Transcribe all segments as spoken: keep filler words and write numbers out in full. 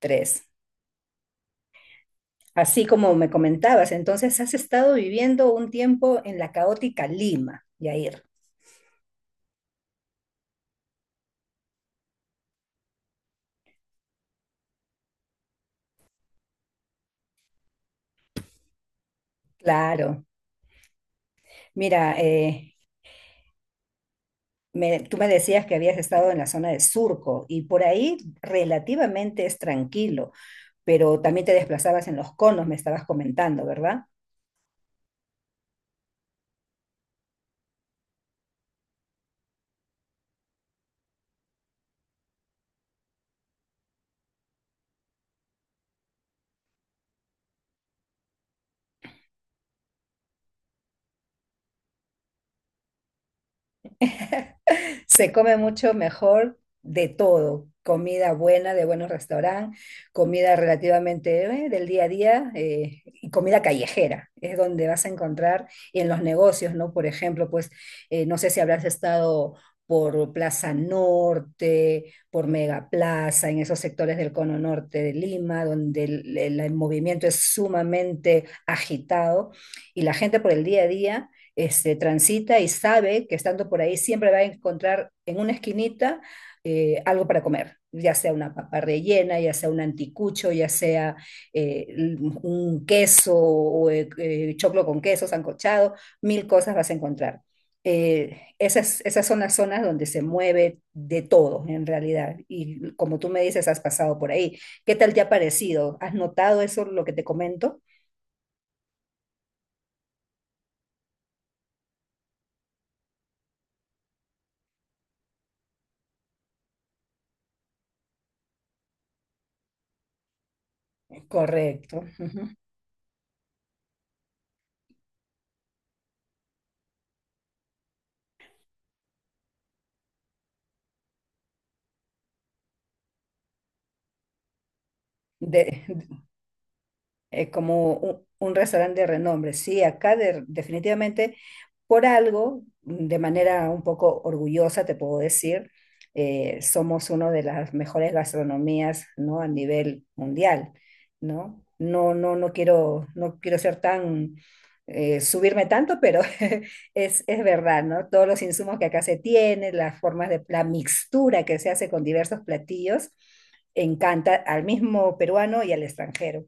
Tres. Así como me comentabas, entonces has estado viviendo un tiempo en la caótica Lima, Yair. Claro. Mira, eh, me- tú me decías que habías estado en la zona de Surco y por ahí relativamente es tranquilo, pero también te desplazabas en los conos, me estabas comentando, ¿verdad? Se come mucho mejor de todo, comida buena, de buenos restaurantes, comida relativamente eh, del día a día eh, y comida callejera, es donde vas a encontrar y en los negocios, ¿no? Por ejemplo, pues eh, no sé si habrás estado por Plaza Norte, por Megaplaza, en esos sectores del cono norte de Lima, donde el, el- el movimiento es sumamente agitado y la gente por el día a día este, transita y sabe que estando por ahí siempre va a encontrar en una esquinita eh, algo para comer, ya sea una papa rellena, ya sea un anticucho, ya sea eh, un queso o eh, eh, choclo con queso, sancochado, mil cosas vas a encontrar. Eh, esas, esas son las zonas donde se mueve de todo en realidad. Y como tú me dices, has pasado por ahí. ¿Qué tal te ha parecido? ¿Has notado eso, lo que te comento? Correcto. Ujú. De, eh, como un, un restaurante de renombre. Sí, acá de- definitivamente por algo, mm, de manera un poco orgullosa, te puedo decir, eh, somos una de las mejores gastronomías, ¿no? A nivel mundial, ¿no? No, no, no quiero, no quiero ser tan, eh, subirme tanto, pero es, es verdad, ¿no? Todos los insumos que acá se tienen, las formas de, la mixtura que se hace con diversos platillos, encanta al mismo peruano y al extranjero.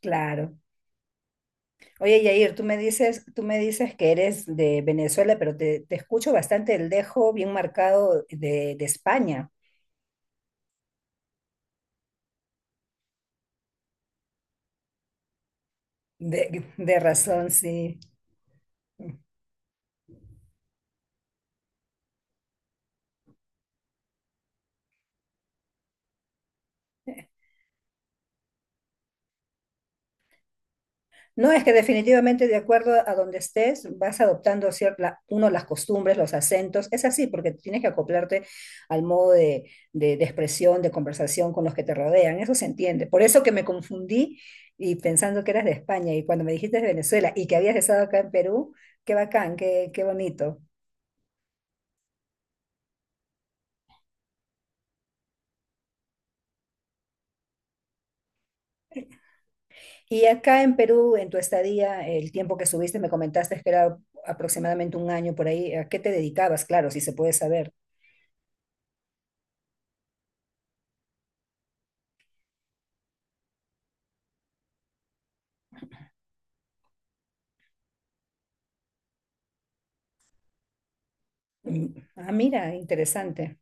Claro. Oye, Yair, tú me dices, tú me dices que eres de Venezuela, pero te, te escucho bastante el dejo bien marcado de, de España. De, de razón, sí. No, es que definitivamente de acuerdo a donde estés, vas adoptando cierta, uno las costumbres, los acentos. Es así, porque tienes que acoplarte al modo de, de- de expresión, de conversación con los que te rodean. Eso se entiende. Por eso que me confundí y pensando que eras de España y cuando me dijiste de Venezuela y que habías estado acá en Perú, qué bacán, qué, qué bonito. Y acá en Perú, en tu estadía, el tiempo que subiste, me comentaste que era aproximadamente un año por ahí. ¿A qué te dedicabas? Claro, si se puede saber. Mm. Ah, mira, interesante.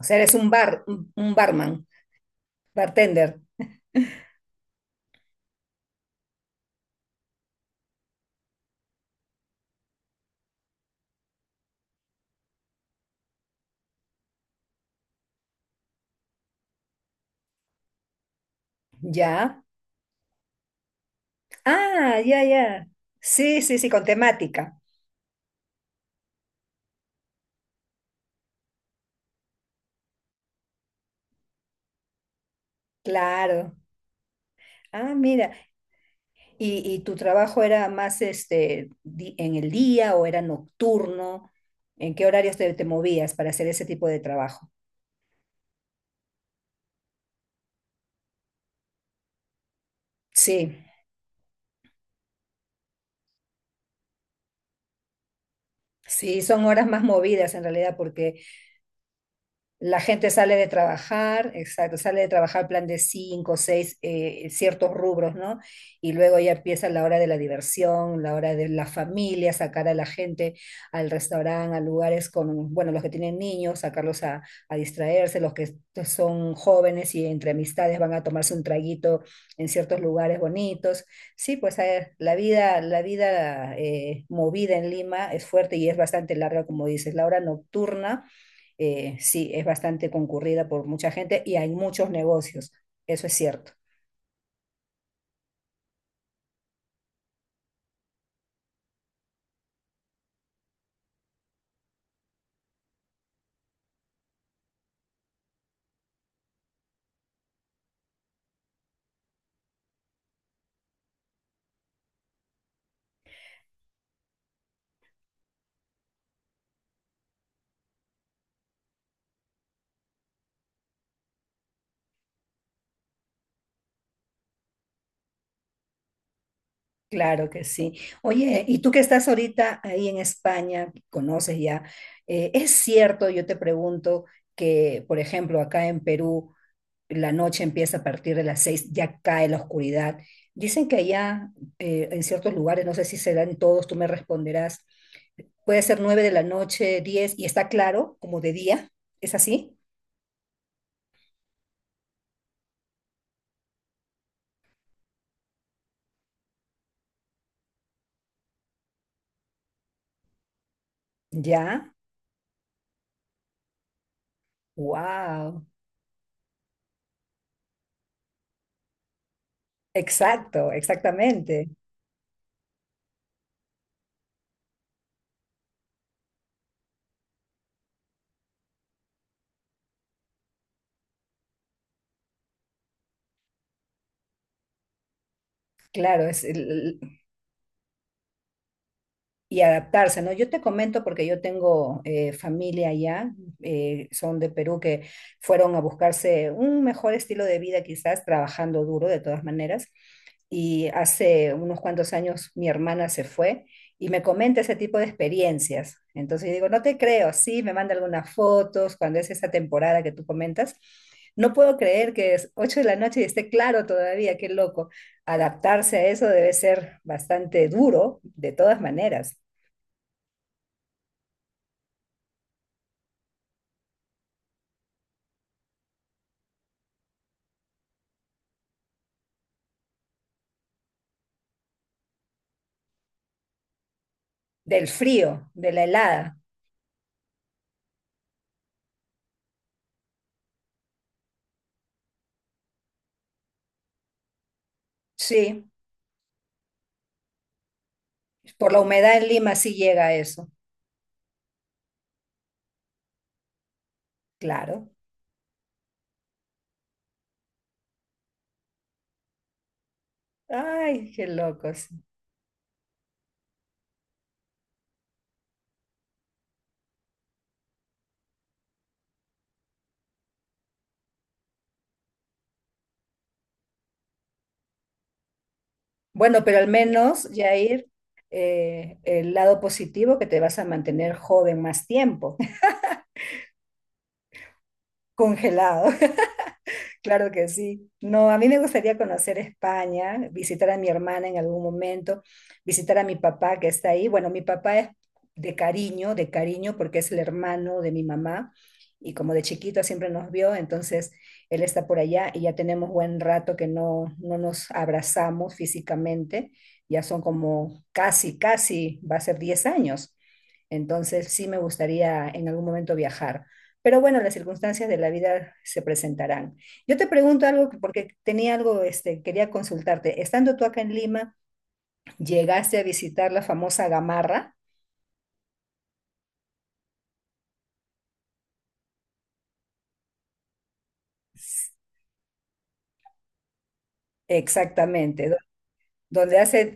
O sea, eres un bar, un un barman, bartender. Ya. Ah, ya, ya. Sí, sí, sí, con temática. Claro. Ah, mira. ¿Y, y tu trabajo era más este di- en el día o era nocturno? ¿En qué horarios te, te movías para hacer ese tipo de trabajo? Sí. Sí, son horas más movidas en realidad, porque la gente sale de trabajar, exacto, sale de trabajar plan de cinco, seis, eh, ciertos rubros, ¿no? Y luego ya empieza la hora de la diversión, la hora de la familia, sacar a la gente al restaurante, a lugares con, bueno, los que tienen niños, sacarlos a, a distraerse, los que son jóvenes y entre amistades van a tomarse un traguito en ciertos lugares bonitos. Sí, pues eh, la vida, la vida eh, movida en Lima es fuerte y es bastante larga, como dices, la hora nocturna eh, sí, es bastante concurrida por mucha gente y hay muchos negocios, eso es cierto. Claro que sí. Oye, y tú que estás ahorita ahí en España, conoces ya, eh, ¿es cierto, yo te pregunto, que, por ejemplo, acá en Perú, la noche empieza a partir de las seis, ya cae la oscuridad? Dicen que allá, eh, en ciertos lugares, no sé si se dan todos, tú me responderás, puede ser nueve de la noche, diez, y está claro, como de día, ¿es así? Ya, wow. Exacto, exactamente. Claro, es el- y adaptarse, ¿no? Yo te comento porque yo tengo eh, familia allá, eh, son de Perú que fueron a buscarse un mejor estilo de vida, quizás trabajando duro de todas maneras, y hace unos cuantos años mi hermana se fue y me comenta ese tipo de experiencias. Entonces yo digo, no te creo, sí, me manda algunas fotos cuando es esa temporada que tú comentas. No puedo creer que es ocho de la noche y esté claro todavía, qué loco. Adaptarse a eso debe ser bastante duro, de todas maneras. Del frío, de la helada, sí. Por la humedad en Lima sí llega a eso, claro. Ay, qué locos. Bueno, pero al menos, Jair, eh, el lado positivo que te vas a mantener joven más tiempo, congelado. Claro que sí. No, a mí me gustaría conocer España, visitar a mi hermana en algún momento, visitar a mi papá que está ahí. Bueno, mi papá es de cariño, de cariño porque es el hermano de mi mamá y como de chiquito siempre nos vio, entonces él está por allá y ya tenemos buen rato que no, no nos abrazamos físicamente. Ya son como casi, casi, va a ser diez años. Entonces sí me gustaría en algún momento viajar. Pero bueno, las circunstancias de la vida se presentarán. Yo te pregunto algo que- porque tenía algo, este, quería consultarte. Estando tú acá en Lima, llegaste a visitar la famosa Gamarra, exactamente, do- donde hace,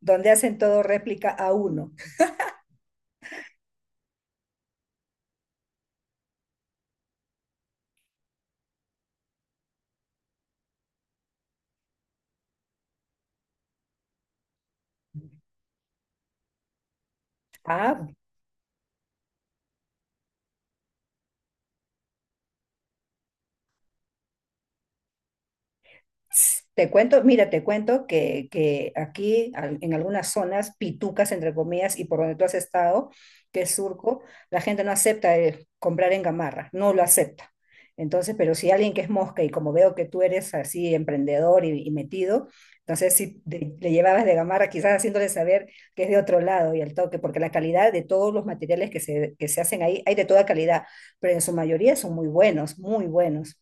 donde hacen todo réplica a uno. Ah, te cuento, mira, te cuento que, que aquí al- en algunas zonas, pitucas entre comillas, y por donde tú has estado, que es Surco, la gente no acepta eh, comprar en Gamarra, no lo acepta. Entonces, pero si alguien que es mosca y como veo que tú eres así emprendedor y, y metido, entonces si te- le llevabas de Gamarra, quizás haciéndole saber que es de otro lado y al toque, porque la calidad de todos los materiales que se, que se hacen ahí, hay de toda calidad, pero en su mayoría son muy buenos, muy buenos.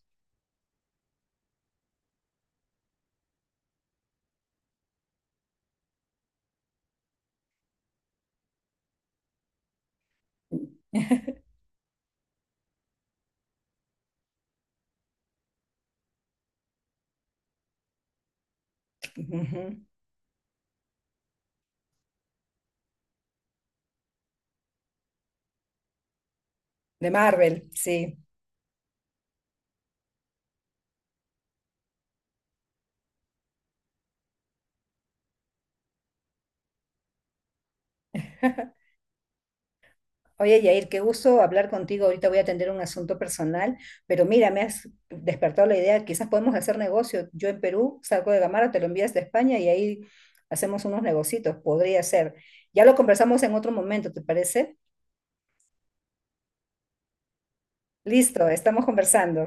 Ujú. De Marvel, sí. Oye, Yair, qué gusto hablar contigo. Ahorita voy a atender un asunto personal, pero mira, me has despertado la idea, quizás podemos hacer negocio. Yo en Perú salgo de Gamara, te lo envías de España y ahí hacemos unos negocitos, podría ser. Ya lo conversamos en otro momento, ¿te parece? Listo, estamos conversando.